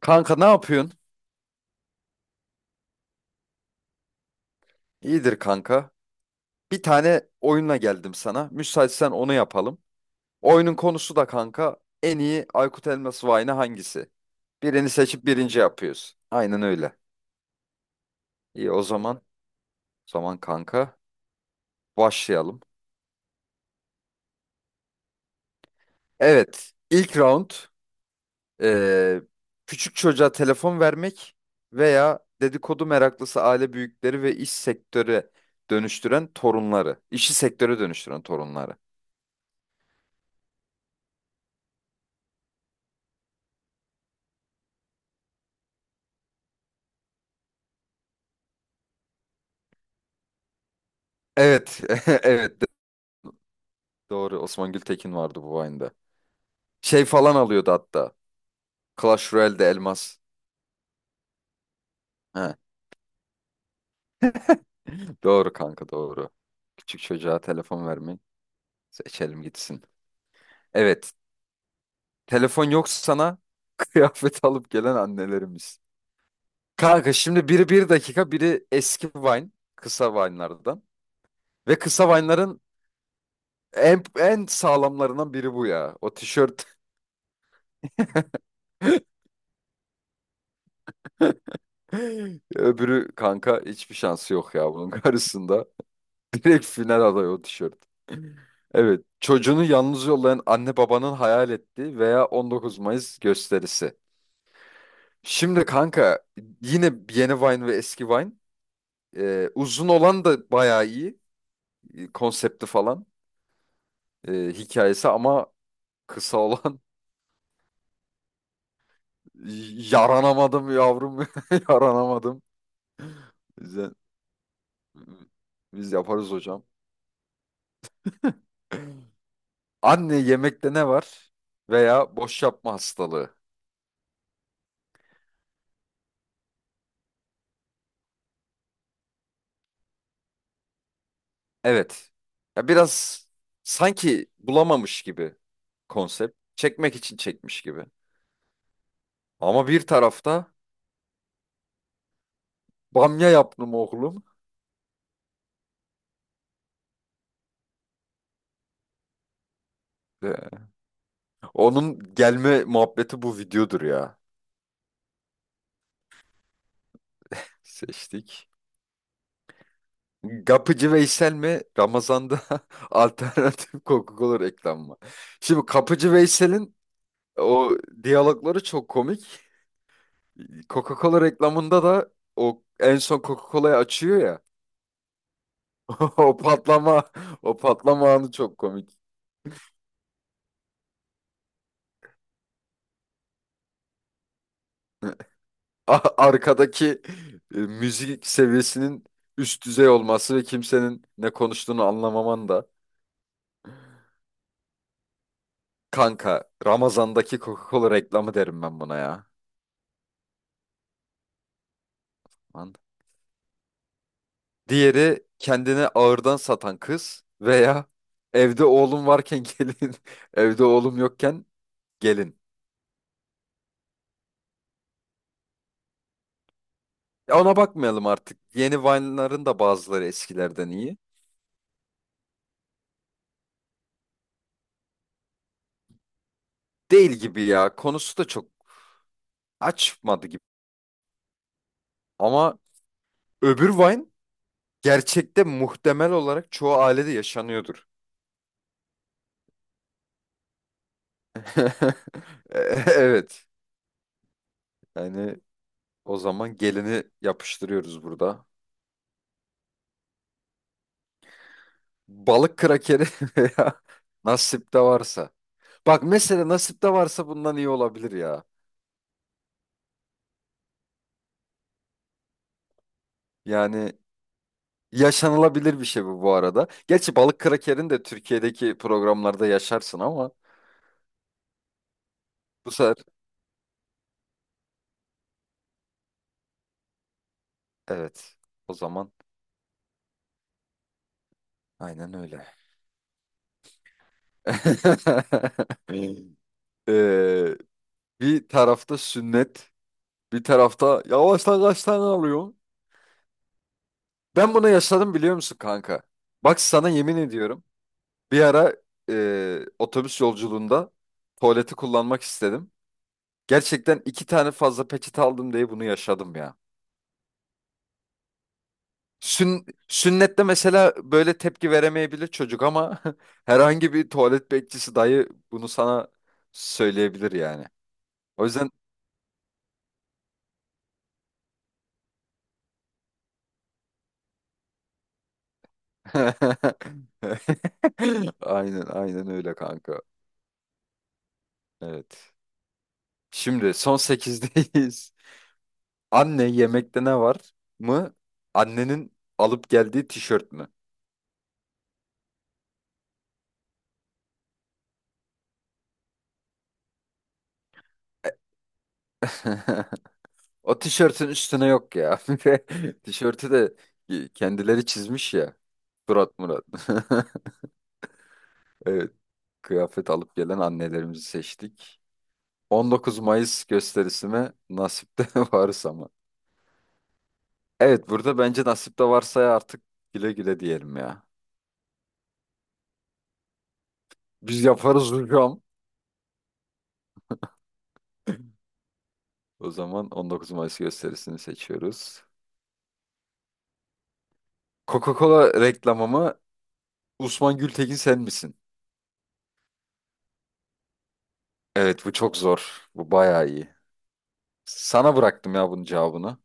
Kanka, ne yapıyorsun? İyidir kanka. Bir tane oyunla geldim sana. Müsaitsen onu yapalım. Oyunun konusu da kanka, en iyi Aykut Elmas Vayne hangisi? Birini seçip birinci yapıyoruz. Aynen öyle. İyi o zaman. O zaman kanka başlayalım. Evet. ilk round eee, küçük çocuğa telefon vermek veya dedikodu meraklısı aile büyükleri ve iş sektöre dönüştüren torunları. İşi sektöre dönüştüren torunları. Evet. Evet. Doğru. Osman Gültekin vardı bu Vine'da. Şey falan alıyordu hatta. Clash Royale'de elmas. He, doğru kanka, doğru. Küçük çocuğa telefon vermeyin. Seçelim gitsin. Evet. Telefon yok sana. Kıyafet alıp gelen annelerimiz. Kanka şimdi biri bir dakika, biri eski Vine. Kısa Vine'lardan. Ve kısa Vine'ların en sağlamlarından biri bu ya. O tişört. Öbürü kanka hiçbir şansı yok ya bunun karşısında. Direkt final adayı o tişört. Evet. Çocuğunu yalnız yollayan anne babanın hayal ettiği veya 19 Mayıs gösterisi. Şimdi kanka yine yeni Vine ve eski Vine. Uzun olan da bayağı iyi. Konsepti falan. Hikayesi ama kısa olan. Yaranamadım yavrum. Yaranamadım. Bize- Biz yaparız hocam. Anne yemekte ne var? Veya boş yapma hastalığı. Evet. Ya biraz sanki bulamamış gibi konsept. Çekmek için çekmiş gibi. Ama bir tarafta bamya yaptım oğlum. Ee, Onun gelme muhabbeti bu videodur ya. Seçtik. Kapıcı Veysel mi? Ramazan'da alternatif Coca-Cola reklamı mı? Şimdi Kapıcı Veysel'in o diyalogları çok komik. Coca-Cola reklamında da o en son Coca-Cola'yı açıyor ya. O patlama, o patlama anı çok komik. A- Arkadaki müzik seviyesinin üst düzey olması ve kimsenin ne konuştuğunu anlamaman da. Kanka, Ramazan'daki Coca-Cola reklamı derim ben buna ya. Lan. Diğeri kendini ağırdan satan kız veya evde oğlum varken gelin, evde oğlum yokken gelin. Ya ona bakmayalım artık. Yeni Vine'ların da bazıları eskilerden iyi. Değil gibi ya. Konusu da çok açmadı gibi. Ama öbür Vine gerçekte muhtemel olarak çoğu ailede yaşanıyordur. E- Evet. Yani o zaman gelini yapıştırıyoruz burada. Balık krakeri veya nasipte varsa. Bak mesela nasipte varsa bundan iyi olabilir ya. Yani yaşanılabilir bir şey bu bu arada. Gerçi balık krakerini de Türkiye'deki programlarda yaşarsın ama bu sefer evet. O zaman aynen öyle. Ee, Bir tarafta sünnet, bir tarafta yavaştan kaç tane alıyor. Ben bunu yaşadım, biliyor musun kanka? Bak, sana yemin ediyorum. Bir ara otobüs yolculuğunda tuvaleti kullanmak istedim. Gerçekten iki tane fazla peçete aldım diye bunu yaşadım ya. Sün- sünnette mesela böyle tepki veremeyebilir çocuk ama herhangi bir tuvalet bekçisi dayı bunu sana söyleyebilir yani. O yüzden aynen öyle kanka. Evet. Şimdi son sekizdeyiz. Anne yemekte ne var mı? Annenin alıp geldiği tişört mü? O tişörtün üstüne yok ya. Tişörtü de kendileri çizmiş ya. Murat Murat. Evet. Kıyafet alıp gelen annelerimizi seçtik. 19 Mayıs gösterisi mi? Nasipte varsa mı? Evet, burada bence nasipte varsa ya artık güle güle diyelim ya. Biz yaparız hocam. O zaman 19 Mayıs gösterisini seçiyoruz. Coca-Cola reklamımı mı? Osman Gültekin sen misin? Evet, bu çok zor. Bu bayağı iyi. Sana bıraktım ya bunun cevabını.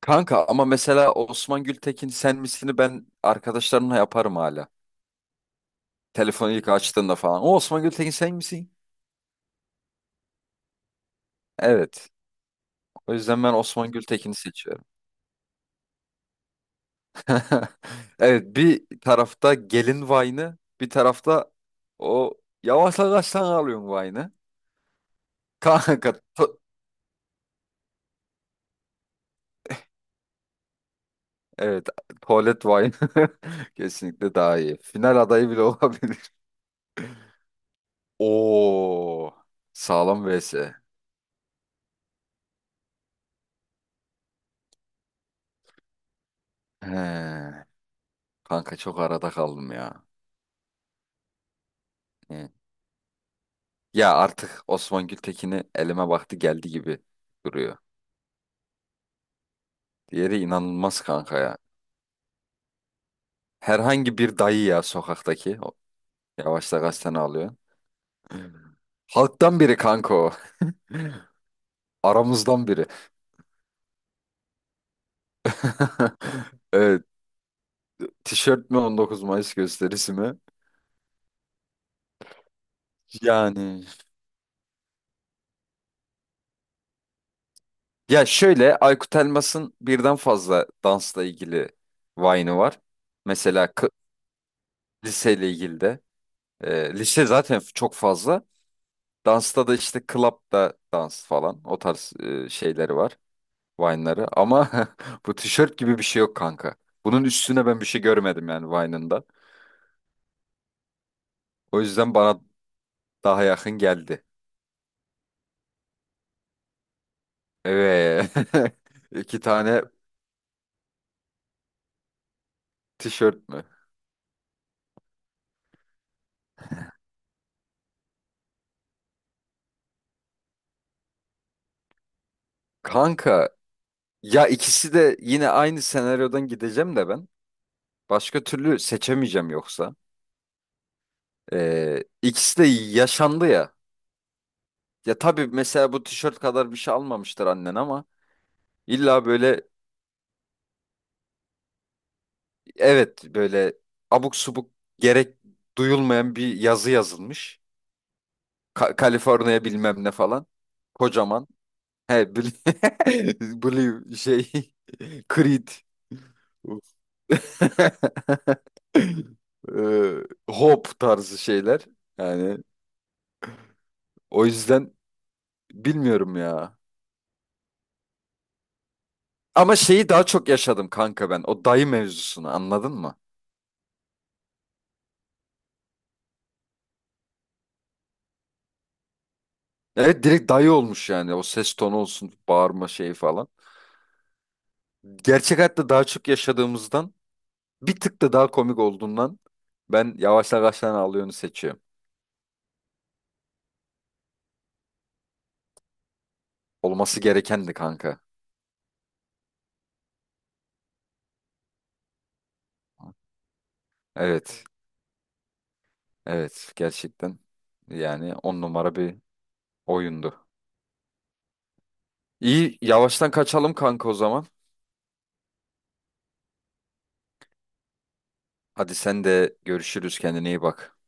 Kanka ama mesela Osman Gültekin sen misini ben arkadaşlarımla yaparım hala. Telefonu ilk açtığında falan. O Osman Gültekin sen misin? Evet. O yüzden ben Osman Gültekin'i seçiyorum. Evet, bir tarafta gelin Vine'ı, bir tarafta o yavaş yavaş sen alıyorsun Vine'ı. Kanka to- Evet, tuvalet wine kesinlikle daha iyi. Final adayı bile olabilir. Oo, sağlam vs. He, kanka çok arada kaldım ya. He. Ya artık Osman Gültekin'i elime baktı geldi gibi duruyor. Diğeri inanılmaz kanka ya. Herhangi bir dayı ya sokaktaki. O- Yavaşla gazeteni alıyor. Halktan biri kanka o. Aramızdan biri. Evet. Tişört mü, 19 Mayıs gösterisi mi? Yani ya şöyle, Aykut Elmas'ın birden fazla dansla ilgili Vine'ı var. Mesela k- liseyle ilgili de. Lise zaten f- çok fazla. Dansta da işte club'da dans falan, o tarz şeyleri var. Vine'ları ama bu tişört gibi bir şey yok kanka. Bunun üstüne ben bir şey görmedim yani Vine'ın da. O yüzden bana daha yakın geldi. Evet. İki tane tişört mü? Kanka, ya ikisi de yine aynı senaryodan gideceğim de ben. Başka türlü seçemeyeceğim yoksa. İkisi de yaşandı ya. Ya tabii mesela bu tişört kadar bir şey almamıştır annen ama illa böyle, evet böyle, abuk subuk gerek duyulmayan bir yazı yazılmış. Ka- Kaliforniya bilmem ne falan. Kocaman. He Blue, Blue şey Creed. Uf. Hope tarzı şeyler. Yani o yüzden bilmiyorum ya. Ama şeyi daha çok yaşadım kanka ben. O dayı mevzusunu anladın mı? Evet, direkt dayı olmuş yani. O ses tonu olsun, bağırma şeyi falan. Gerçek hayatta daha çok yaşadığımızdan, bir tık da daha komik olduğundan ben yavaş yavaştan ağlayanı seçiyorum. Olması gerekendi kanka. Evet. Evet, gerçekten. Yani on numara bir oyundu. İyi, yavaştan kaçalım kanka o zaman. Hadi sen de, görüşürüz, kendine iyi bak.